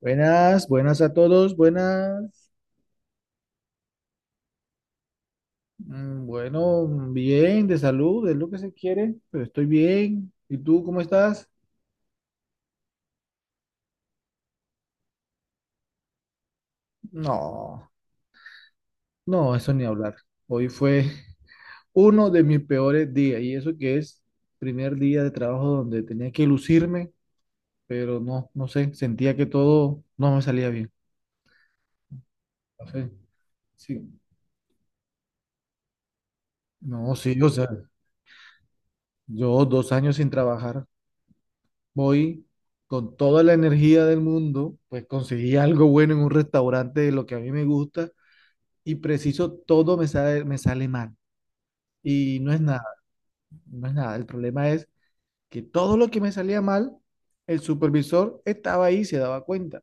Buenas, buenas a todos, buenas. Bueno, bien, de salud, es lo que se quiere, pero estoy bien. ¿Y tú cómo estás? No, no, eso ni hablar. Hoy fue uno de mis peores días, y eso que es primer día de trabajo donde tenía que lucirme, pero no, no sé, sentía que todo no me salía bien. No sé, sí, no, sí, o sea, yo 2 años sin trabajar. Voy con toda la energía del mundo, pues conseguí algo bueno en un restaurante de lo que a mí me gusta, y preciso todo me sale mal. Y no es nada, no es nada. El problema es que todo lo que me salía mal, el supervisor estaba ahí y se daba cuenta.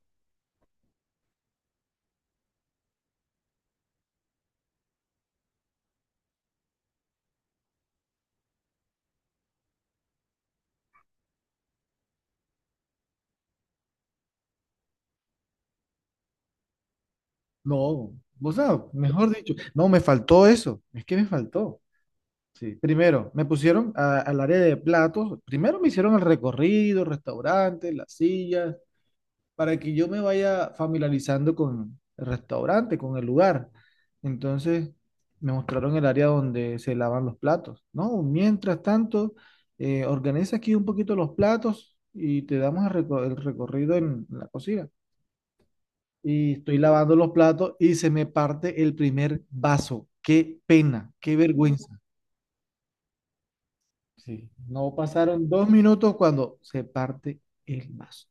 No, vos sabes, mejor dicho, no, me faltó eso, es que me faltó. Sí. Primero, me pusieron al área de platos, primero me hicieron el recorrido, restaurantes, las sillas, para que yo me vaya familiarizando con el restaurante, con el lugar. Entonces me mostraron el área donde se lavan los platos, ¿no? Mientras tanto, organiza aquí un poquito los platos y te damos el recorrido en la cocina. Y estoy lavando los platos y se me parte el primer vaso. Qué pena, qué vergüenza. Sí, no pasaron 2 minutos cuando se parte el vaso.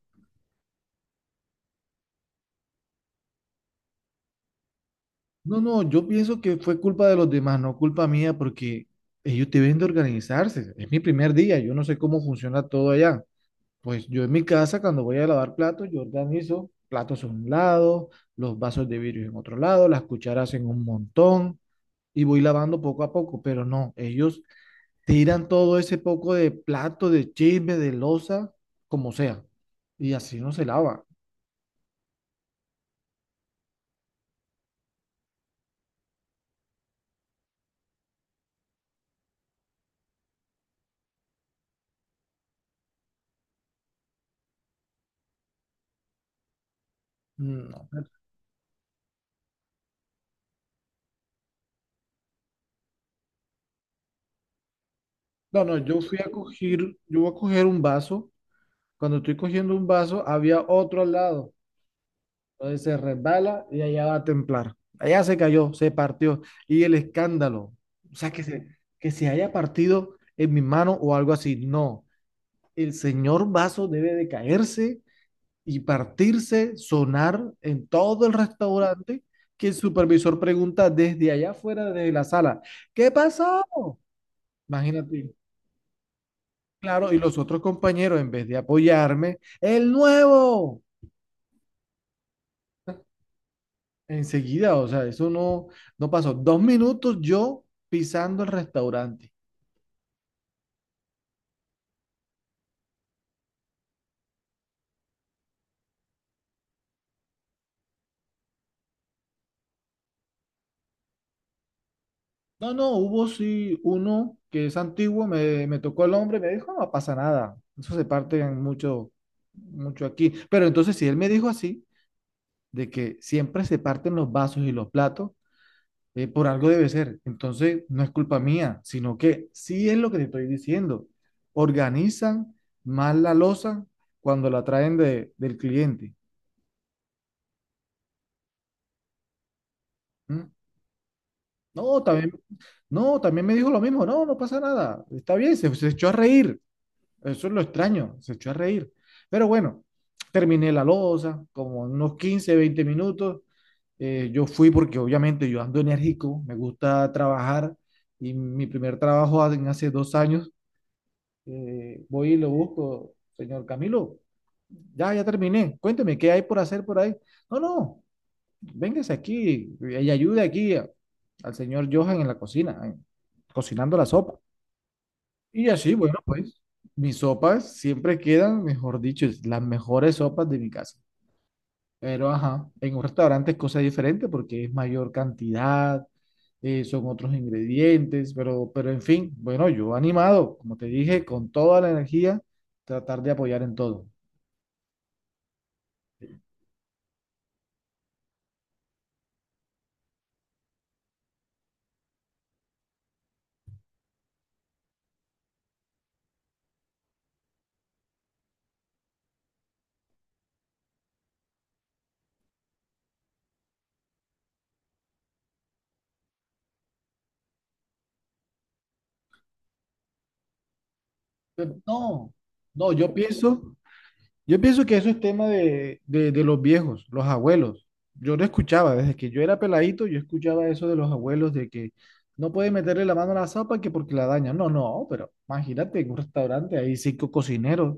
No, no, yo pienso que fue culpa de los demás, no culpa mía, porque ellos deben de organizarse. Es mi primer día, yo no sé cómo funciona todo allá. Pues yo en mi casa, cuando voy a lavar platos, yo organizo platos a un lado, los vasos de vidrio en otro lado, las cucharas en un montón, y voy lavando poco a poco, pero no, ellos tiran todo ese poco de plato, de chisme, de loza, como sea, y así no se lava. No, no, no, yo fui a coger, yo voy a coger un vaso. Cuando estoy cogiendo un vaso, había otro al lado. Entonces se resbala y allá va a templar. Allá se cayó, se partió. Y el escándalo, o sea, que se haya partido en mi mano o algo así. No, el señor vaso debe de caerse y partirse, sonar en todo el restaurante, que el supervisor pregunta desde allá afuera de la sala, ¿qué pasó? Imagínate. Claro, y los otros compañeros, en vez de apoyarme, el nuevo. Enseguida, o sea, eso no, no pasó. 2 minutos yo pisando el restaurante. No, no, hubo sí uno que es antiguo, me tocó el hombre, me dijo, no pasa nada. Eso se parte en mucho, mucho aquí. Pero entonces, si él me dijo así, de que siempre se parten los vasos y los platos, por algo debe ser. Entonces, no es culpa mía, sino que sí es lo que te estoy diciendo. Organizan mal la loza cuando la traen del cliente. ¿Mm? No, sí. También, no, también me dijo lo mismo, no, no pasa nada, está bien, se echó a reír, eso es lo extraño, se echó a reír. Pero bueno, terminé la loza como unos 15, 20 minutos. Yo fui porque obviamente yo ando enérgico, me gusta trabajar y mi primer trabajo en hace 2 años. Voy y lo busco, señor Camilo, ya, ya terminé, cuénteme, ¿qué hay por hacer por ahí? No, no, véngase aquí y ayude aquí al señor Johan en la cocina, cocinando la sopa. Y así, bueno, pues mis sopas siempre quedan, mejor dicho, es las mejores sopas de mi casa. Pero, ajá, en un restaurante es cosa diferente porque es mayor cantidad, son otros ingredientes, pero en fin, bueno, yo animado, como te dije, con toda la energía, tratar de apoyar en todo. Pero no, no, yo pienso, yo pienso que eso es tema de los viejos, los abuelos. Yo lo escuchaba desde que yo era peladito, yo escuchaba eso de los abuelos de que no pueden meterle la mano a la sopa, que porque la dañan. No, no, pero imagínate en un restaurante hay 5 cocineros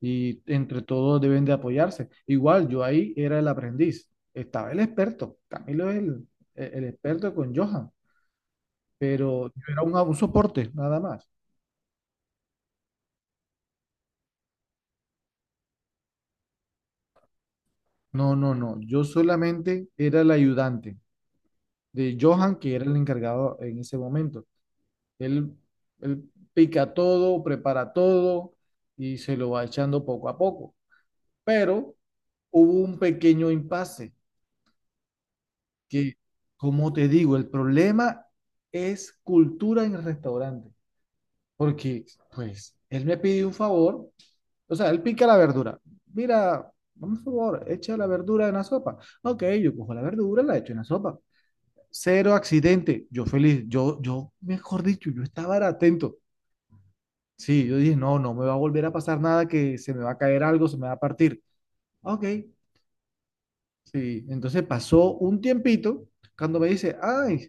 y entre todos deben de apoyarse. Igual yo ahí era el aprendiz, estaba el experto, Camilo es el, el experto con Johan, pero yo era un soporte nada más. No, no, no, yo solamente era el ayudante de Johan, que era el encargado en ese momento. Él, él pica todo, prepara todo y se lo va echando poco a poco. Pero hubo un pequeño impasse que, como te digo, el problema es cultura en el restaurante. Porque, pues, él me pidió un favor, o sea, él pica la verdura. Mira, dame un favor, echa la verdura en la sopa. Ok, yo cojo la verdura, la echo en la sopa. Cero accidente. Yo feliz, mejor dicho, yo estaba era atento. Sí, yo dije, no, no me va a volver a pasar nada, que se me va a caer algo, se me va a partir. Ok, sí. Entonces pasó un tiempito cuando me dice, ay,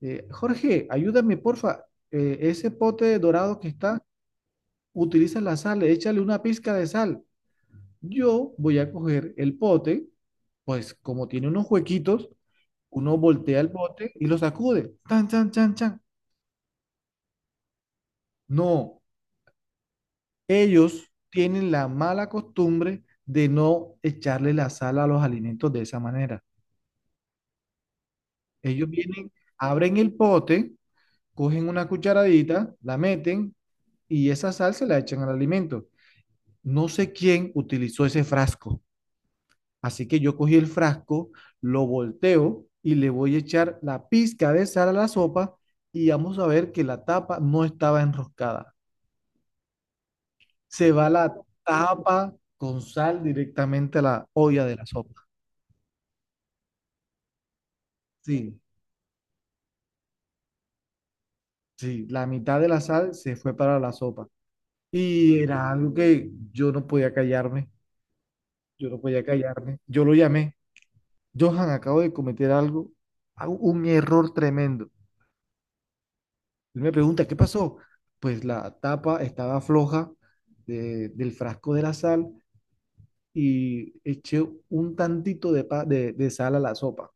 Jorge, ayúdame, porfa, ese pote dorado que está, utiliza la sal, échale una pizca de sal. Yo voy a coger el pote, pues como tiene unos huequitos, uno voltea el bote y lo sacude. Tan, chan, chan, chan. No, ellos tienen la mala costumbre de no echarle la sal a los alimentos de esa manera. Ellos vienen, abren el pote, cogen una cucharadita, la meten y esa sal se la echan al alimento. No sé quién utilizó ese frasco. Así que yo cogí el frasco, lo volteo y le voy a echar la pizca de sal a la sopa, y vamos a ver que la tapa no estaba enroscada. Se va la tapa con sal directamente a la olla de la sopa. Sí, sí, la mitad de la sal se fue para la sopa. Y era algo que yo no podía callarme, yo no podía callarme. Yo lo llamé, Johan, acabo de cometer algo, un error tremendo. Él me pregunta, ¿qué pasó? Pues la tapa estaba floja del frasco de la sal, y eché un tantito de sal a la sopa.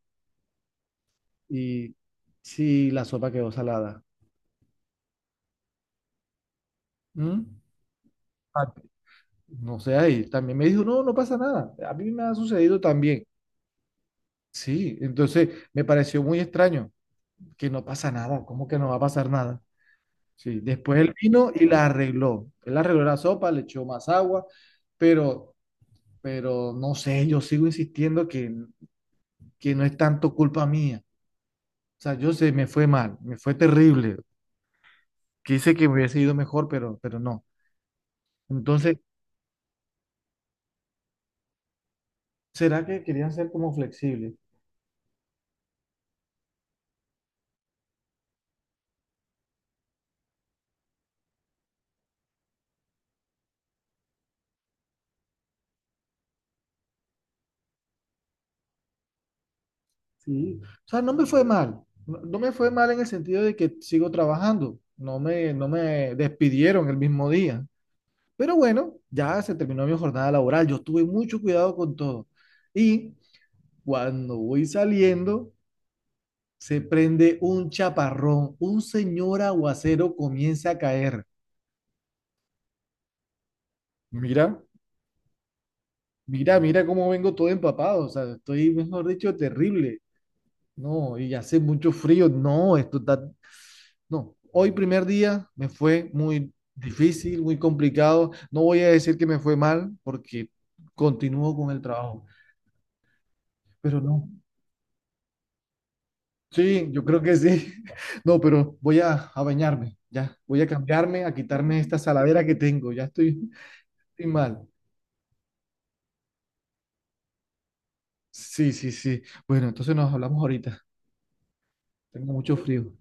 Y sí, la sopa quedó salada. ¿Mm? Ah, no sé, y también me dijo, no, no pasa nada, a mí me ha sucedido también. Sí, entonces me pareció muy extraño que no pasa nada, ¿cómo que no va a pasar nada? Sí, después él vino y la arregló. Él arregló la sopa, le echó más agua, pero, pero no sé, yo sigo insistiendo que no es tanto culpa mía. O sea, yo sé, me fue mal, me fue terrible. Quise que me hubiese ido mejor, pero no. Entonces, ¿será que querían ser como flexibles? Sí, o sea, no me fue mal. No, no me fue mal en el sentido de que sigo trabajando. No me despidieron el mismo día. Pero bueno, ya se terminó mi jornada laboral. Yo tuve mucho cuidado con todo. Y cuando voy saliendo, se prende un chaparrón. Un señor aguacero comienza a caer. Mira, mira, mira cómo vengo todo empapado. O sea, estoy, mejor dicho, terrible. No, y hace mucho frío. No, esto está… No, hoy primer día me fue muy difícil, muy complicado. No voy a decir que me fue mal porque continúo con el trabajo, pero no. Sí, yo creo que sí. No, pero voy a bañarme, ya. Voy a cambiarme, a quitarme esta saladera que tengo. Ya estoy, estoy mal. Sí, sí, sí. Bueno, entonces nos hablamos ahorita. Tengo mucho frío.